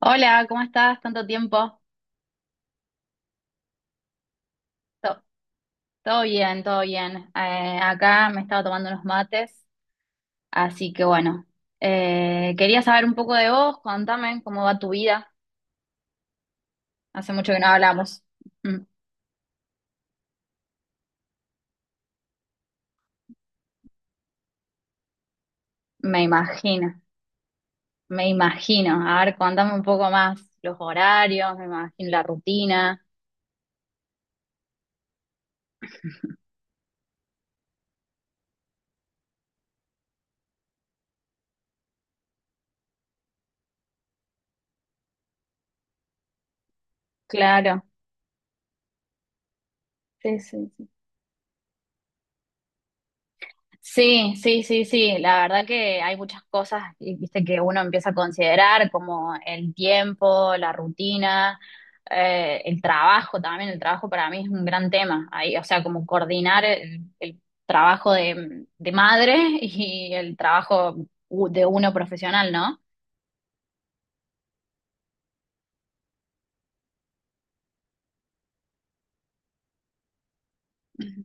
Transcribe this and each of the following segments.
Hola, ¿cómo estás? ¿Tanto tiempo? To- Todo bien, todo bien. Acá me estaba tomando unos mates, así que bueno. Quería saber un poco de vos, contame cómo va tu vida. Hace mucho que no hablamos. Mm. Me imagino, me imagino. A ver, contame un poco más los horarios, me imagino la rutina. Claro, sí, sí, sí. Sí, sí, sí, sí. La verdad que hay muchas cosas, viste, que uno empieza a considerar como el tiempo, la rutina, el trabajo también. El trabajo para mí es un gran tema. Ahí, o sea, como coordinar el trabajo de madre y el trabajo de uno profesional, ¿no? Ujú.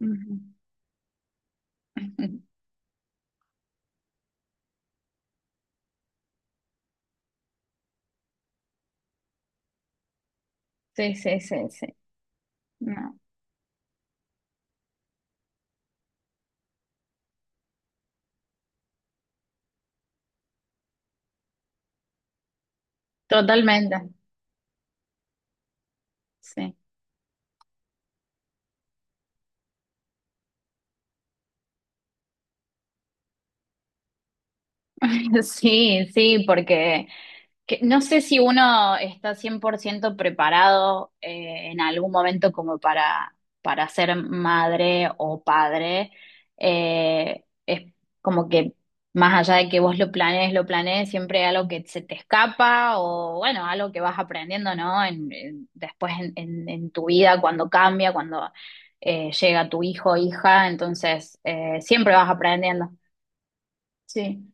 Ujú. Sí, sí, sí, sí. No, totalmente. Sí. Sí, sí, porque que no sé si uno está 100% preparado, en algún momento como para ser madre o padre. Es como que más allá de que vos lo planees, siempre hay algo que se te escapa o bueno, algo que vas aprendiendo, ¿no? Después en tu vida, cuando cambia, cuando llega tu hijo o hija, entonces, siempre vas aprendiendo. Sí.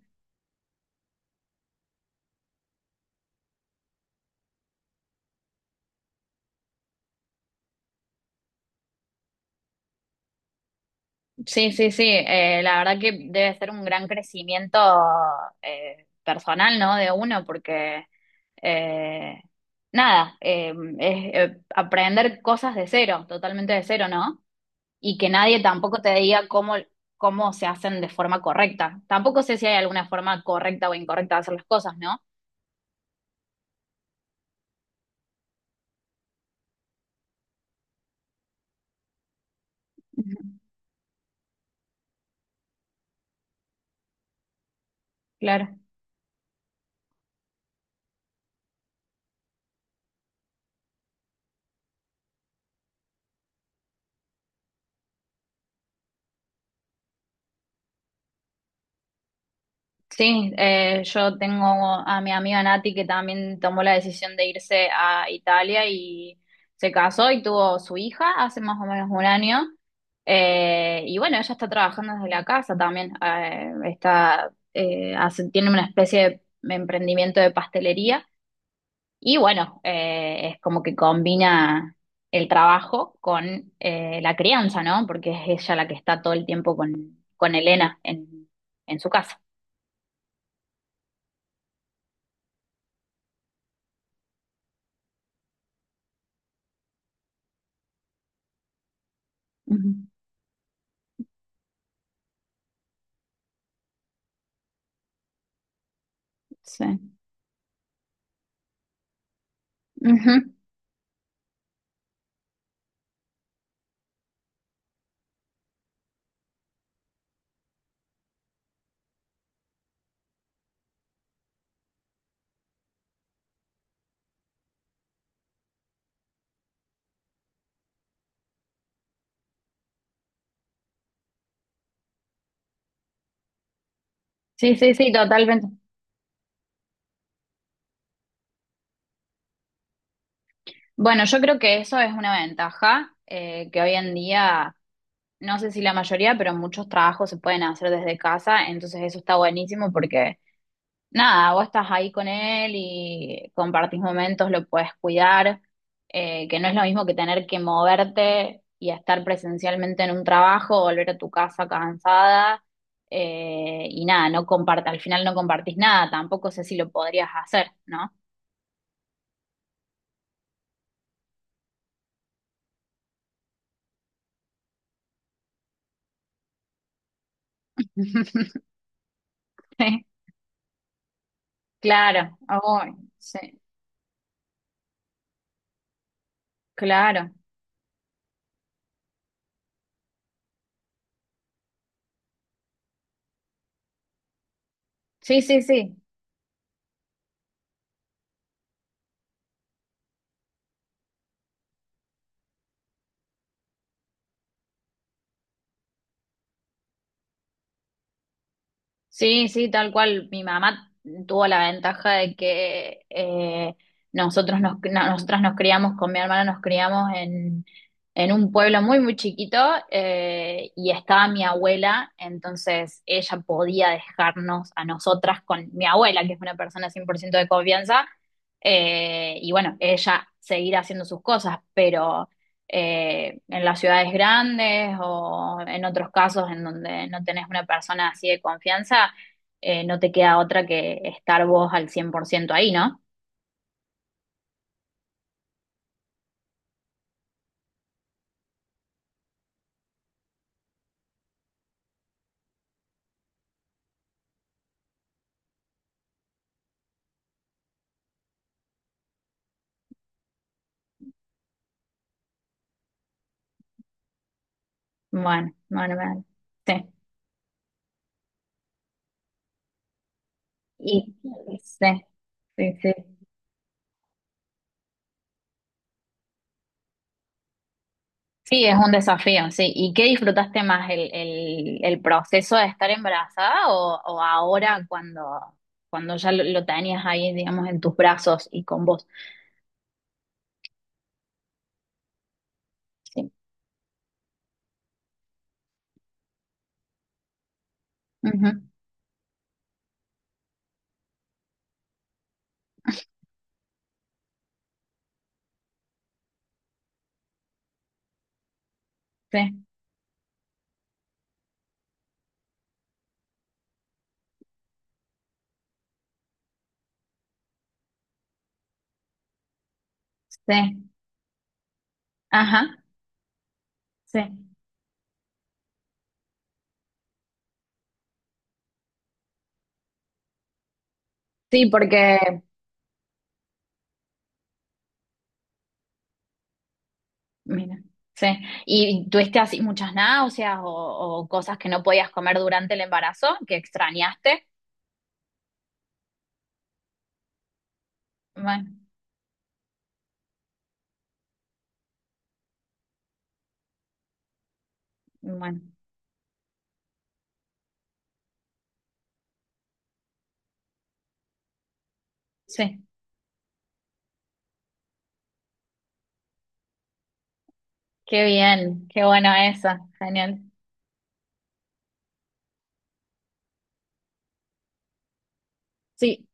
Sí, sí, sí. La verdad que debe ser un gran crecimiento, personal, ¿no? De uno, porque eh, nada, es aprender cosas de cero, totalmente de cero, ¿no? Y que nadie tampoco te diga cómo, cómo se hacen de forma correcta. Tampoco sé si hay alguna forma correcta o incorrecta de hacer las cosas, ¿no? Ujú. Claro. Sí, yo tengo a mi amiga Nati que también tomó la decisión de irse a Italia y se casó y tuvo su hija hace más o menos un año. Y bueno, ella está trabajando desde la casa también. Está, tiene una especie de emprendimiento de pastelería y bueno, es como que combina el trabajo con, la crianza, ¿no? Porque es ella la que está todo el tiempo con Elena en su casa. Ujú, sí. Ujú. Sí, sí, sí, totalmente. Bueno, yo creo que eso es una ventaja, que hoy en día, no sé si la mayoría, pero muchos trabajos se pueden hacer desde casa, entonces eso está buenísimo porque nada, vos estás ahí con él y compartís momentos, lo puedes cuidar, que no es lo mismo que tener que moverte y estar presencialmente en un trabajo, volver a tu casa cansada, y nada, no comparte, al final no compartís nada, tampoco sé si lo podrías hacer, ¿no? Claro, ay, sí, claro. Sí, sí, sí. Sí, sí, tal cual. Mi mamá tuvo la ventaja de que, nosotros nos, nosotras nos criamos, con mi hermana nos criamos en un pueblo muy, muy chiquito, y estaba mi abuela, entonces ella podía dejarnos a nosotras con mi abuela, que es una persona 100% de confianza, y bueno, ella seguir haciendo sus cosas, pero... en las ciudades grandes o en otros casos en donde no tenés una persona así de confianza, no te queda otra que estar vos al 100% ahí, ¿no? Bueno, bueno, bueno. Sí. Y, sí, sí, sí. Sí, es un desafío, sí. ¿Y qué disfrutaste más, el proceso de estar embarazada o ahora cuando, cuando ya lo tenías ahí, digamos, en tus brazos y con vos? Sí. Ujú. Sí, sí. Ajá, sí. Sí, porque, mira, sí. ¿Y tuviste así muchas náuseas o cosas que no podías comer durante el embarazo que extrañaste? Bueno, bueno, sí. Qué bien, qué bueno eso, genial. Sí,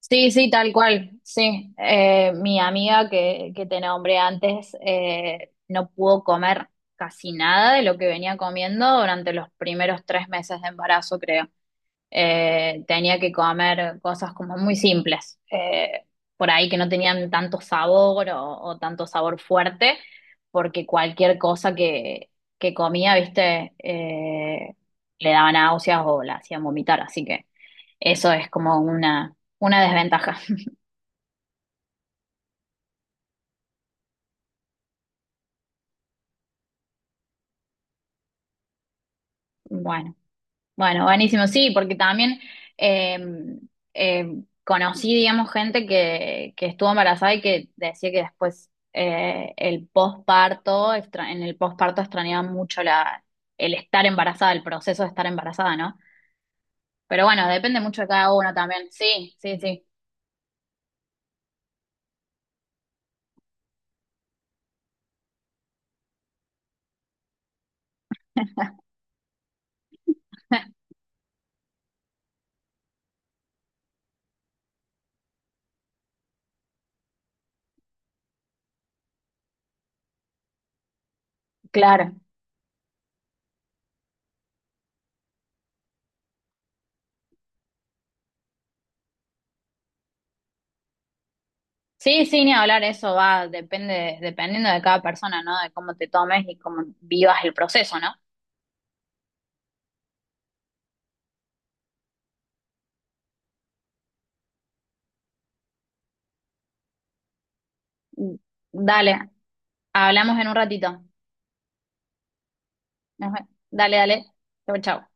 sí, sí, tal cual, sí. Mi amiga que te nombré antes, no pudo comer casi nada de lo que venía comiendo durante los primeros 3 meses de embarazo, creo. Tenía que comer cosas como muy simples, por ahí que no tenían tanto sabor o tanto sabor fuerte, porque cualquier cosa que comía, viste, le daba náuseas o la hacían vomitar, así que eso es como una desventaja. Bueno. Bueno, buenísimo, sí, porque también, eh, eh, conocí, digamos, gente que estuvo embarazada y que decía que después, el posparto, en el posparto extrañaba mucho la, el estar embarazada, el proceso de estar embarazada, ¿no? Pero bueno, depende mucho de cada uno también. Sí, sí, sí, claro. Sí, sí, ni hablar, eso va, depende, dependiendo de cada persona, ¿no? De cómo te tomes y cómo vivas el proceso, ¿no? Dale, hablamos en un ratito. Ajá. Dale, dale. Chao, chao.